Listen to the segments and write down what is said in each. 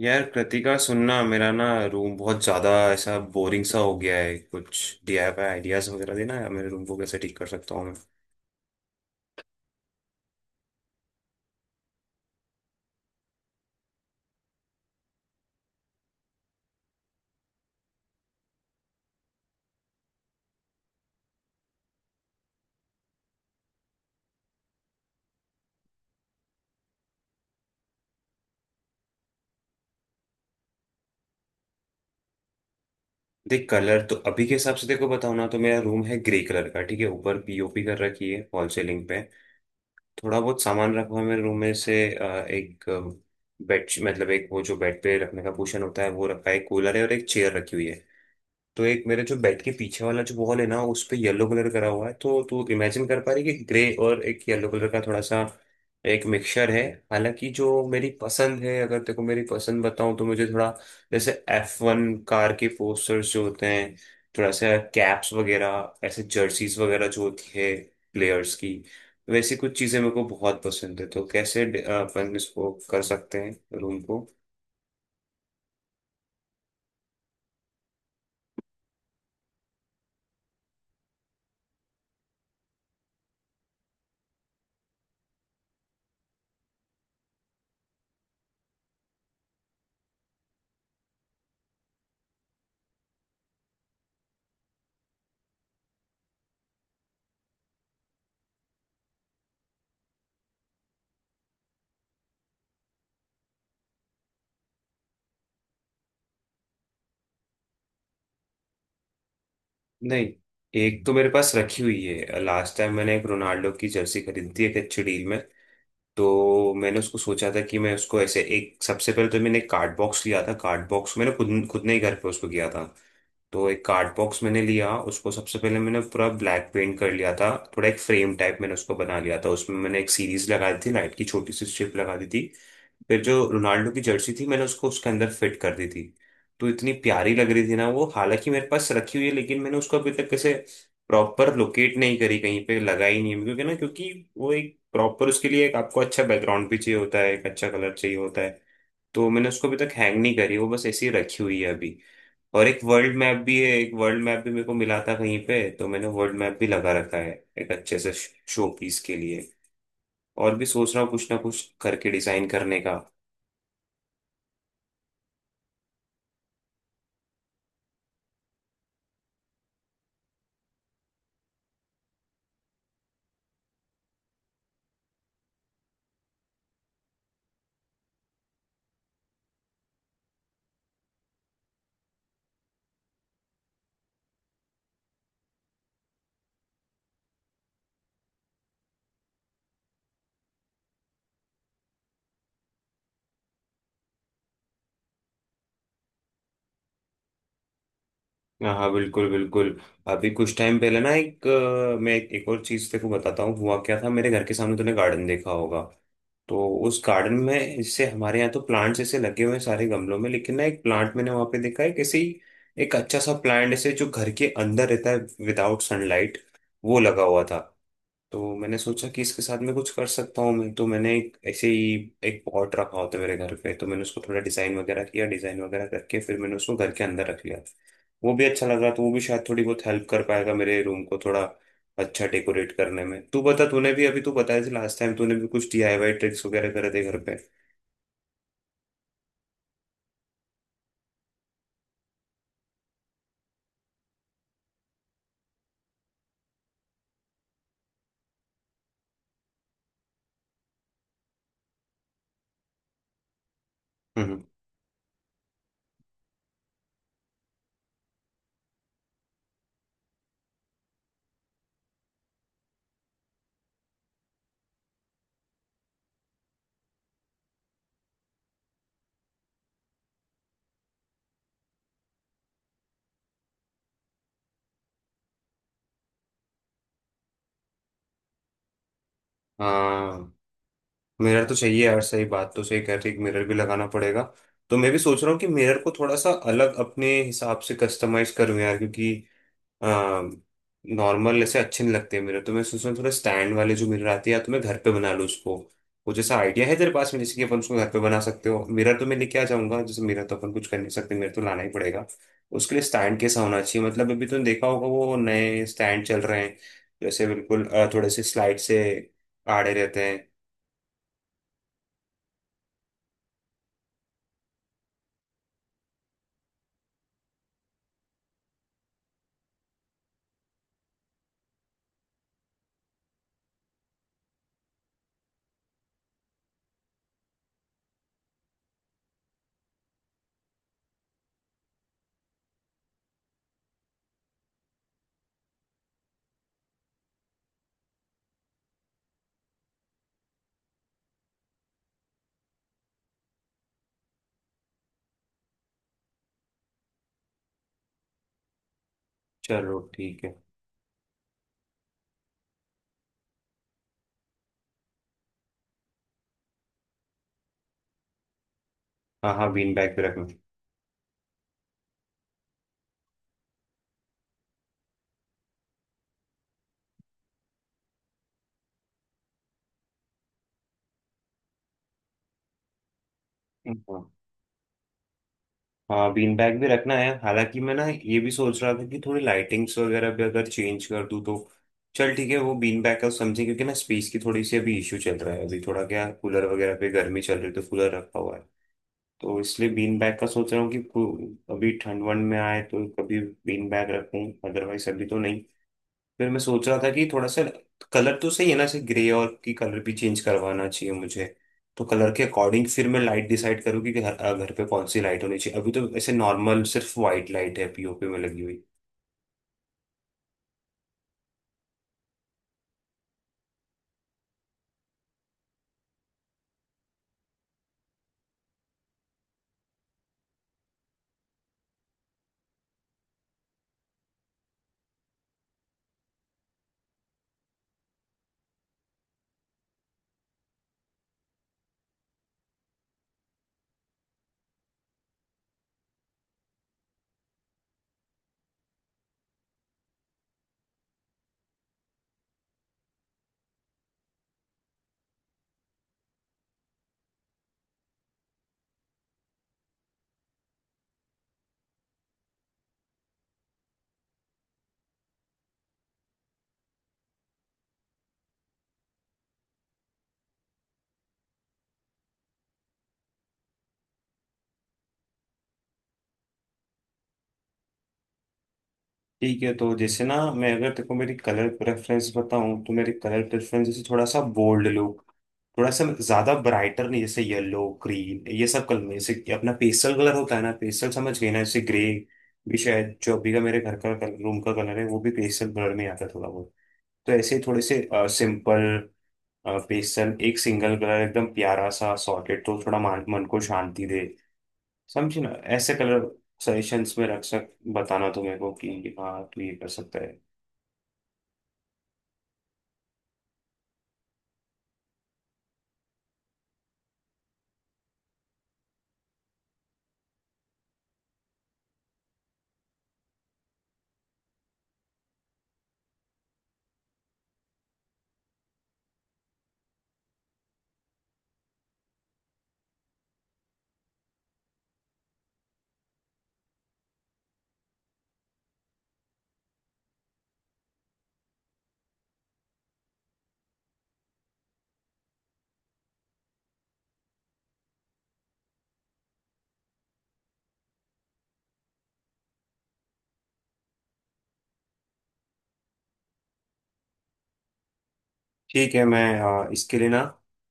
यार कृतिका, सुनना मेरा ना। रूम बहुत ज्यादा ऐसा बोरिंग सा हो गया है कुछ। डीआईवाई आइडियाज वगैरह देना यार, मेरे रूम को कैसे ठीक कर सकता हूँ मैं। देख, कलर तो अभी के हिसाब से देखो बताओ ना, तो मेरा रूम है ग्रे कलर का। ठीक है, ऊपर पीओपी कर रखी है फॉल सीलिंग पे। थोड़ा बहुत सामान रखा हुआ है मेरे रूम में से एक बेड, मतलब एक वो जो बेड पे रखने का कुशन होता है वो रखा है, कूलर है, और एक चेयर रखी हुई है। तो एक मेरे जो बेड के पीछे वाला जो वॉल है ना, उस पे येलो कलर करा हुआ है। तो तू इमेजिन कर पा रही है कि ग्रे और एक येलो कलर का थोड़ा सा एक मिक्सचर है। हालांकि जो मेरी पसंद है, अगर तेको मेरी पसंद बताऊं, तो मुझे थोड़ा जैसे F1 कार के पोस्टर्स जो होते हैं, थोड़ा सा कैप्स वगैरह, ऐसे जर्सीज वगैरह जो होती है प्लेयर्स की, वैसी कुछ चीजें मेरे को बहुत पसंद है। तो कैसे अपन इसको कर सकते हैं रूम। नहीं, एक तो मेरे पास रखी हुई है। लास्ट टाइम मैंने एक रोनाल्डो की जर्सी खरीदी थी एक अच्छी डील में। तो मैंने उसको सोचा था कि मैं उसको ऐसे एक, सबसे पहले तो मैंने एक कार्ड बॉक्स लिया था। कार्ड बॉक्स मैंने खुद खुद ने ही घर पे उसको किया था। तो एक कार्ड बॉक्स मैंने लिया, उसको सबसे पहले मैंने पूरा ब्लैक पेंट कर लिया था। थोड़ा एक फ्रेम टाइप मैंने उसको बना लिया था, उसमें मैंने एक सीरीज लगा दी थी लाइट की, छोटी सी स्ट्रिप लगा दी थी। फिर जो रोनाल्डो की जर्सी थी, मैंने उसको उसके अंदर फिट कर दी थी। तो इतनी प्यारी लग रही थी ना वो, हालांकि मेरे पास रखी हुई है लेकिन मैंने उसको अभी तक कैसे प्रॉपर लोकेट नहीं करी, कहीं पे लगा ही नहीं है। क्योंकि ना, क्योंकि वो एक प्रॉपर उसके लिए एक आपको अच्छा बैकग्राउंड भी चाहिए होता है, एक अच्छा कलर चाहिए होता है। तो मैंने उसको अभी तक हैंग नहीं करी, वो बस ऐसी ही रखी हुई है अभी। और एक वर्ल्ड मैप भी है, एक वर्ल्ड मैप भी मेरे को मिला था कहीं पे। तो मैंने वर्ल्ड मैप भी लगा रखा है एक अच्छे से शो पीस के लिए। और भी सोच रहा हूँ कुछ ना कुछ करके डिजाइन करने का। हाँ हाँ, बिल्कुल बिल्कुल। अभी कुछ टाइम पहले ना, मैं एक और चीज तेरे को बताता हूँ। हुआ क्या था, मेरे घर के सामने तूने गार्डन देखा होगा। तो उस गार्डन में जैसे हमारे यहाँ तो प्लांट्स ऐसे लगे हुए हैं सारे गमलों में, लेकिन ना एक प्लांट मैंने वहां पे देखा है किसी। एक अच्छा सा प्लांट, ऐसे जो घर के अंदर रहता है विदाउट सनलाइट, वो लगा हुआ था। तो मैंने सोचा कि इसके साथ मैं कुछ कर सकता हूँ। मैं, तो मैंने एक ऐसे ही एक पॉट रखा होता है मेरे घर पे, तो मैंने उसको थोड़ा डिजाइन वगैरह किया, डिजाइन वगैरह करके फिर मैंने उसको घर के अंदर रख लिया। वो भी अच्छा लग रहा, तो वो भी शायद थोड़ी बहुत हेल्प कर पाएगा मेरे रूम को थोड़ा अच्छा डेकोरेट करने में। तू बता, तूने भी अभी, तू बताया थी लास्ट टाइम, तूने भी कुछ डीआईवाई ट्रिक्स वगैरह करे थे घर पे। हम्म। हाँ, मिरर तो चाहिए यार। सही बात, तो सही कह रही, मिरर भी लगाना पड़ेगा। तो मैं भी सोच रहा हूँ कि मिरर को थोड़ा सा अलग अपने हिसाब से कस्टमाइज करूँ यार, क्योंकि नॉर्मल ऐसे अच्छे नहीं लगते मेरे। तो मैं सोच रहा हूँ थोड़ा स्टैंड वाले जो मिरर आते हैं, या तो मैं घर पे बना लूँ उसको। वो जैसा आइडिया है तेरे पास में, जैसे कि अपन उसको घर पे बना सकते हो। मिरर तो मैं लेके आ जाऊंगा, जैसे मिरर तो अपन कुछ कर नहीं सकते, मिरर तो लाना ही पड़ेगा। उसके लिए स्टैंड कैसा होना चाहिए, मतलब अभी तुमने देखा होगा वो नए स्टैंड चल रहे हैं, जैसे बिल्कुल थोड़े से स्लाइड से आड़े रहते हैं। चलो ठीक है। हाँ हाँ, बीन बैग पे रखना। हाँ हाँ, बीन बैग भी रखना है, हालांकि मैं ना ये भी सोच रहा था कि थोड़ी लाइटिंग्स वगैरह भी अगर चेंज कर दूँ तो। चल ठीक है, वो बीन बैग का समझे, क्योंकि ना स्पेस की थोड़ी सी अभी इश्यू चल रहा है। अभी थोड़ा क्या, कूलर वगैरह पे गर्मी चल रही है तो कूलर रखा हुआ है। तो इसलिए बीन बैग का सोच रहा हूँ कि अभी ठंड वंड में आए तो कभी बीन बैग रखूँ, अदरवाइज अभी तो नहीं। फिर मैं सोच रहा था कि थोड़ा सा कलर तो सही है ना, ऐसे ग्रे, और की कलर भी चेंज करवाना चाहिए मुझे। तो कलर के अकॉर्डिंग फिर मैं लाइट डिसाइड करूँ कि घर, घर पे कौन सी लाइट होनी चाहिए। अभी तो ऐसे नॉर्मल सिर्फ वाइट लाइट है पीओपी में लगी हुई। ठीक है, तो जैसे ना मैं अगर तेरे को मेरी कलर प्रेफरेंस बताऊं, तो मेरी कलर प्रेफरेंस जैसे थोड़ा सा बोल्ड लुक, थोड़ा सा ज्यादा ब्राइटर नहीं, जैसे येलो ग्रीन ये सब कलर में, जैसे कि अपना पेस्टल कलर होता है ना, पेस्टल समझ गए ना। जैसे ग्रे भी शायद, जो अभी का मेरे घर का रूम का कलर है, वो भी पेस्टल कलर में आता है थोड़ा बहुत। तो ऐसे थोड़े से सिंपल पेस्टल एक सिंगल कलर एकदम प्यारा सा सॉकेट, तो थोड़ा मन को शांति दे, समझे ना। ऐसे कलर सजेशंस में रख सक, बताना तो मेरे को कि हाँ तू ये कर सकता है। ठीक है मैं, इसके लिए ना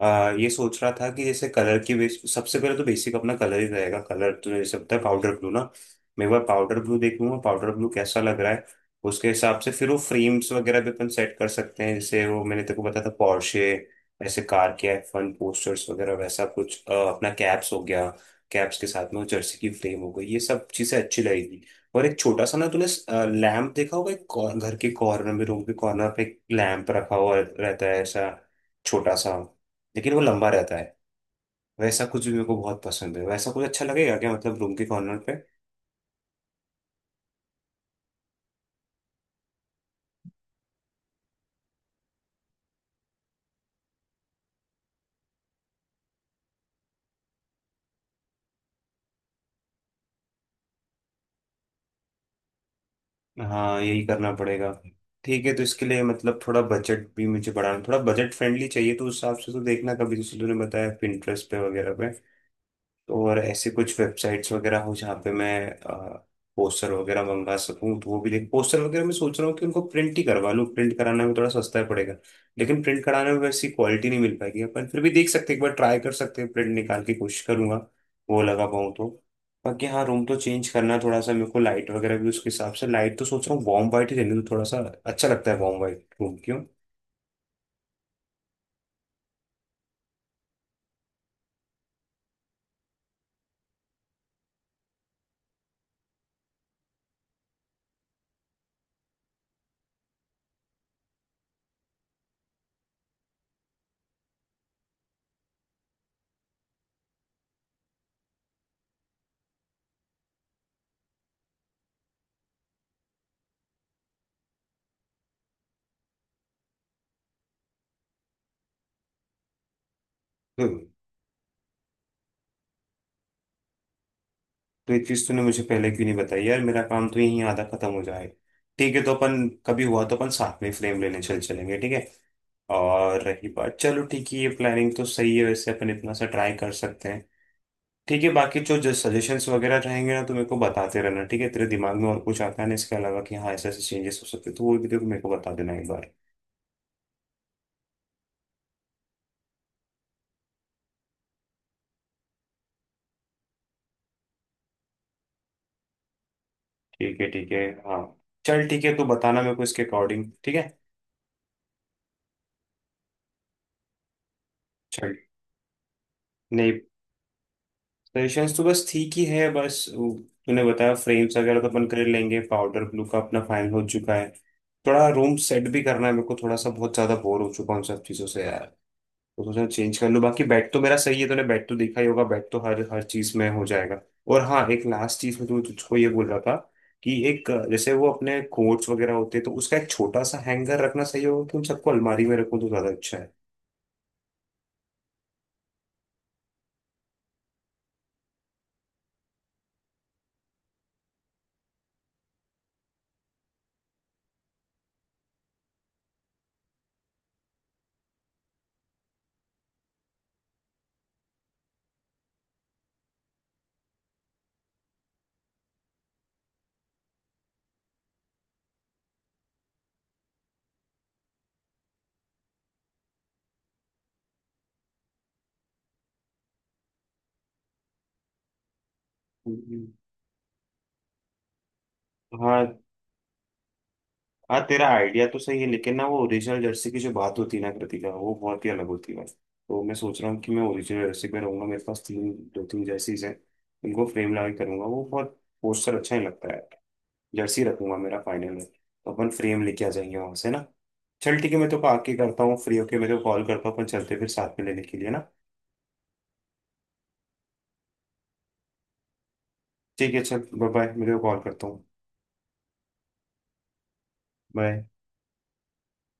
ये सोच रहा था कि जैसे कलर की बेस, सबसे पहले तो बेसिक अपना कलर ही रहेगा। कलर तूने जैसे बताया पाउडर ब्लू ना, मैं एक बार पाउडर ब्लू देख लूंगा पाउडर ब्लू कैसा लग रहा है। उसके हिसाब से फिर वो फ्रेम्स वगैरह भी अपन सेट कर सकते हैं, जैसे वो मैंने तेको बताया था पोर्शे, ऐसे कार के F1 पोस्टर्स वगैरह, वैसा कुछ अपना कैप्स हो गया, कैप्स के साथ में वो जर्सी की फ्रेम हो गई, ये सब चीजें अच्छी लगेगी। और एक छोटा सा ना, तूने लैंप देखा होगा, एक घर के कॉर्नर में, रूम के कॉर्नर पे एक लैंप रखा हुआ रहता है ऐसा, छोटा सा, लेकिन वो लंबा रहता है। वैसा कुछ भी मेरे को बहुत पसंद है, वैसा कुछ अच्छा लगेगा क्या, मतलब रूम के कॉर्नर पे। हाँ, यही करना पड़ेगा। ठीक है, तो इसके लिए मतलब थोड़ा बजट भी मुझे बढ़ाना, थोड़ा बजट फ्रेंडली चाहिए, तो उस हिसाब से तो देखना कभी, जैसे तूने बताया Pinterest पे वगैरह पे। तो और ऐसे कुछ वेबसाइट्स वगैरह हो जहाँ पे मैं पोस्टर वगैरह मंगा सकूँ, तो वो भी देख। पोस्टर वगैरह मैं सोच रहा हूँ कि उनको प्रिंट ही करवा लूँ, प्रिंट कराने में थोड़ा सस्ता ही पड़ेगा, लेकिन प्रिंट कराने में वैसी क्वालिटी नहीं मिल पाएगी। अपन फिर भी देख सकते हैं, एक बार ट्राई कर सकते हैं, प्रिंट निकाल की कोशिश करूंगा वो लगा पाऊँ तो। बाकी हाँ, रूम तो चेंज करना है थोड़ा सा मेरे को, लाइट वगैरह भी उसके हिसाब से। लाइट तो सोच रहा हूँ वार्म वाइट ही रहने दो, थोड़ा सा अच्छा लगता है वार्म वाइट रूम क्यों। हम्म। तो ये चीज तूने मुझे पहले क्यों नहीं बताई यार, मेरा काम तो यहीं आधा खत्म हो जाए। ठीक है, तो अपन कभी हुआ तो अपन साथ में फ्रेम लेने चल चलेंगे ठीक है। और रही बात, चलो ठीक है, ये प्लानिंग तो सही है वैसे, अपन इतना सा ट्राई कर सकते हैं। ठीक है, बाकी जो जो सजेशंस वगैरह रहेंगे ना तो मेरे को बताते रहना ठीक है। तेरे दिमाग में और कुछ आता है ना इसके अलावा कि हाँ ऐसे ऐसे चेंजेस हो सकते हैं, तो वो भी देखो, मेरे को बता देना एक बार। ठीक है ठीक है, हाँ। चल ठीक है, तू बताना मेरे को इसके अकॉर्डिंग ठीक है। चल। नहीं, परेशानी तो बस ठीक ही है, बस वो तूने बताया फ्रेम्स वगैरह तो अपन कर लेंगे। पाउडर ब्लू का अपना फाइनल हो चुका है। थोड़ा रूम सेट भी करना है मेरे को, थोड़ा सा बहुत ज्यादा बोर हो चुका हूँ उन सब चीजों से यार। तो सोचा चेंज कर लूँ। बाकी बेड तो मेरा सही है, तूने बेड तो देखा ही होगा, बेड तो हर हर चीज में हो जाएगा। और हाँ, एक लास्ट चीज में तू, तुझको ये बोल रहा था कि एक, जैसे वो अपने कोट्स वगैरह होते हैं, तो उसका एक छोटा सा हैंगर रखना सही होगा कि उन सबको अलमारी में रखूँ तो ज्यादा अच्छा है। हम्म। हाँ हाँ, तेरा आइडिया तो सही है लेकिन ना, वो ओरिजिनल जर्सी की जो बात होती है ना कृतिका, वो बहुत ही अलग होती है। तो मैं सोच रहा हूँ कि मैं ओरिजिनल जर्सी पे रहूंगा। मेरे पास तीन दो तीन जर्सीज हैं, उनको फ्रेम लगा के करूंगा, वो बहुत पोस्टर अच्छा ही लगता है। जर्सी रखूंगा मेरा फाइनल में, तो अपन फ्रेम लेके आ जाएंगे वहां से ना। चल ठीक है, मैं तो आके करता हूँ फ्री होके, मैं तो कॉल करता हूँ, अपन चलते हैं फिर साथ में लेने के लिए ना। ठीक है चल, बाय बाय, मैं तो कॉल करता हूँ। बाय।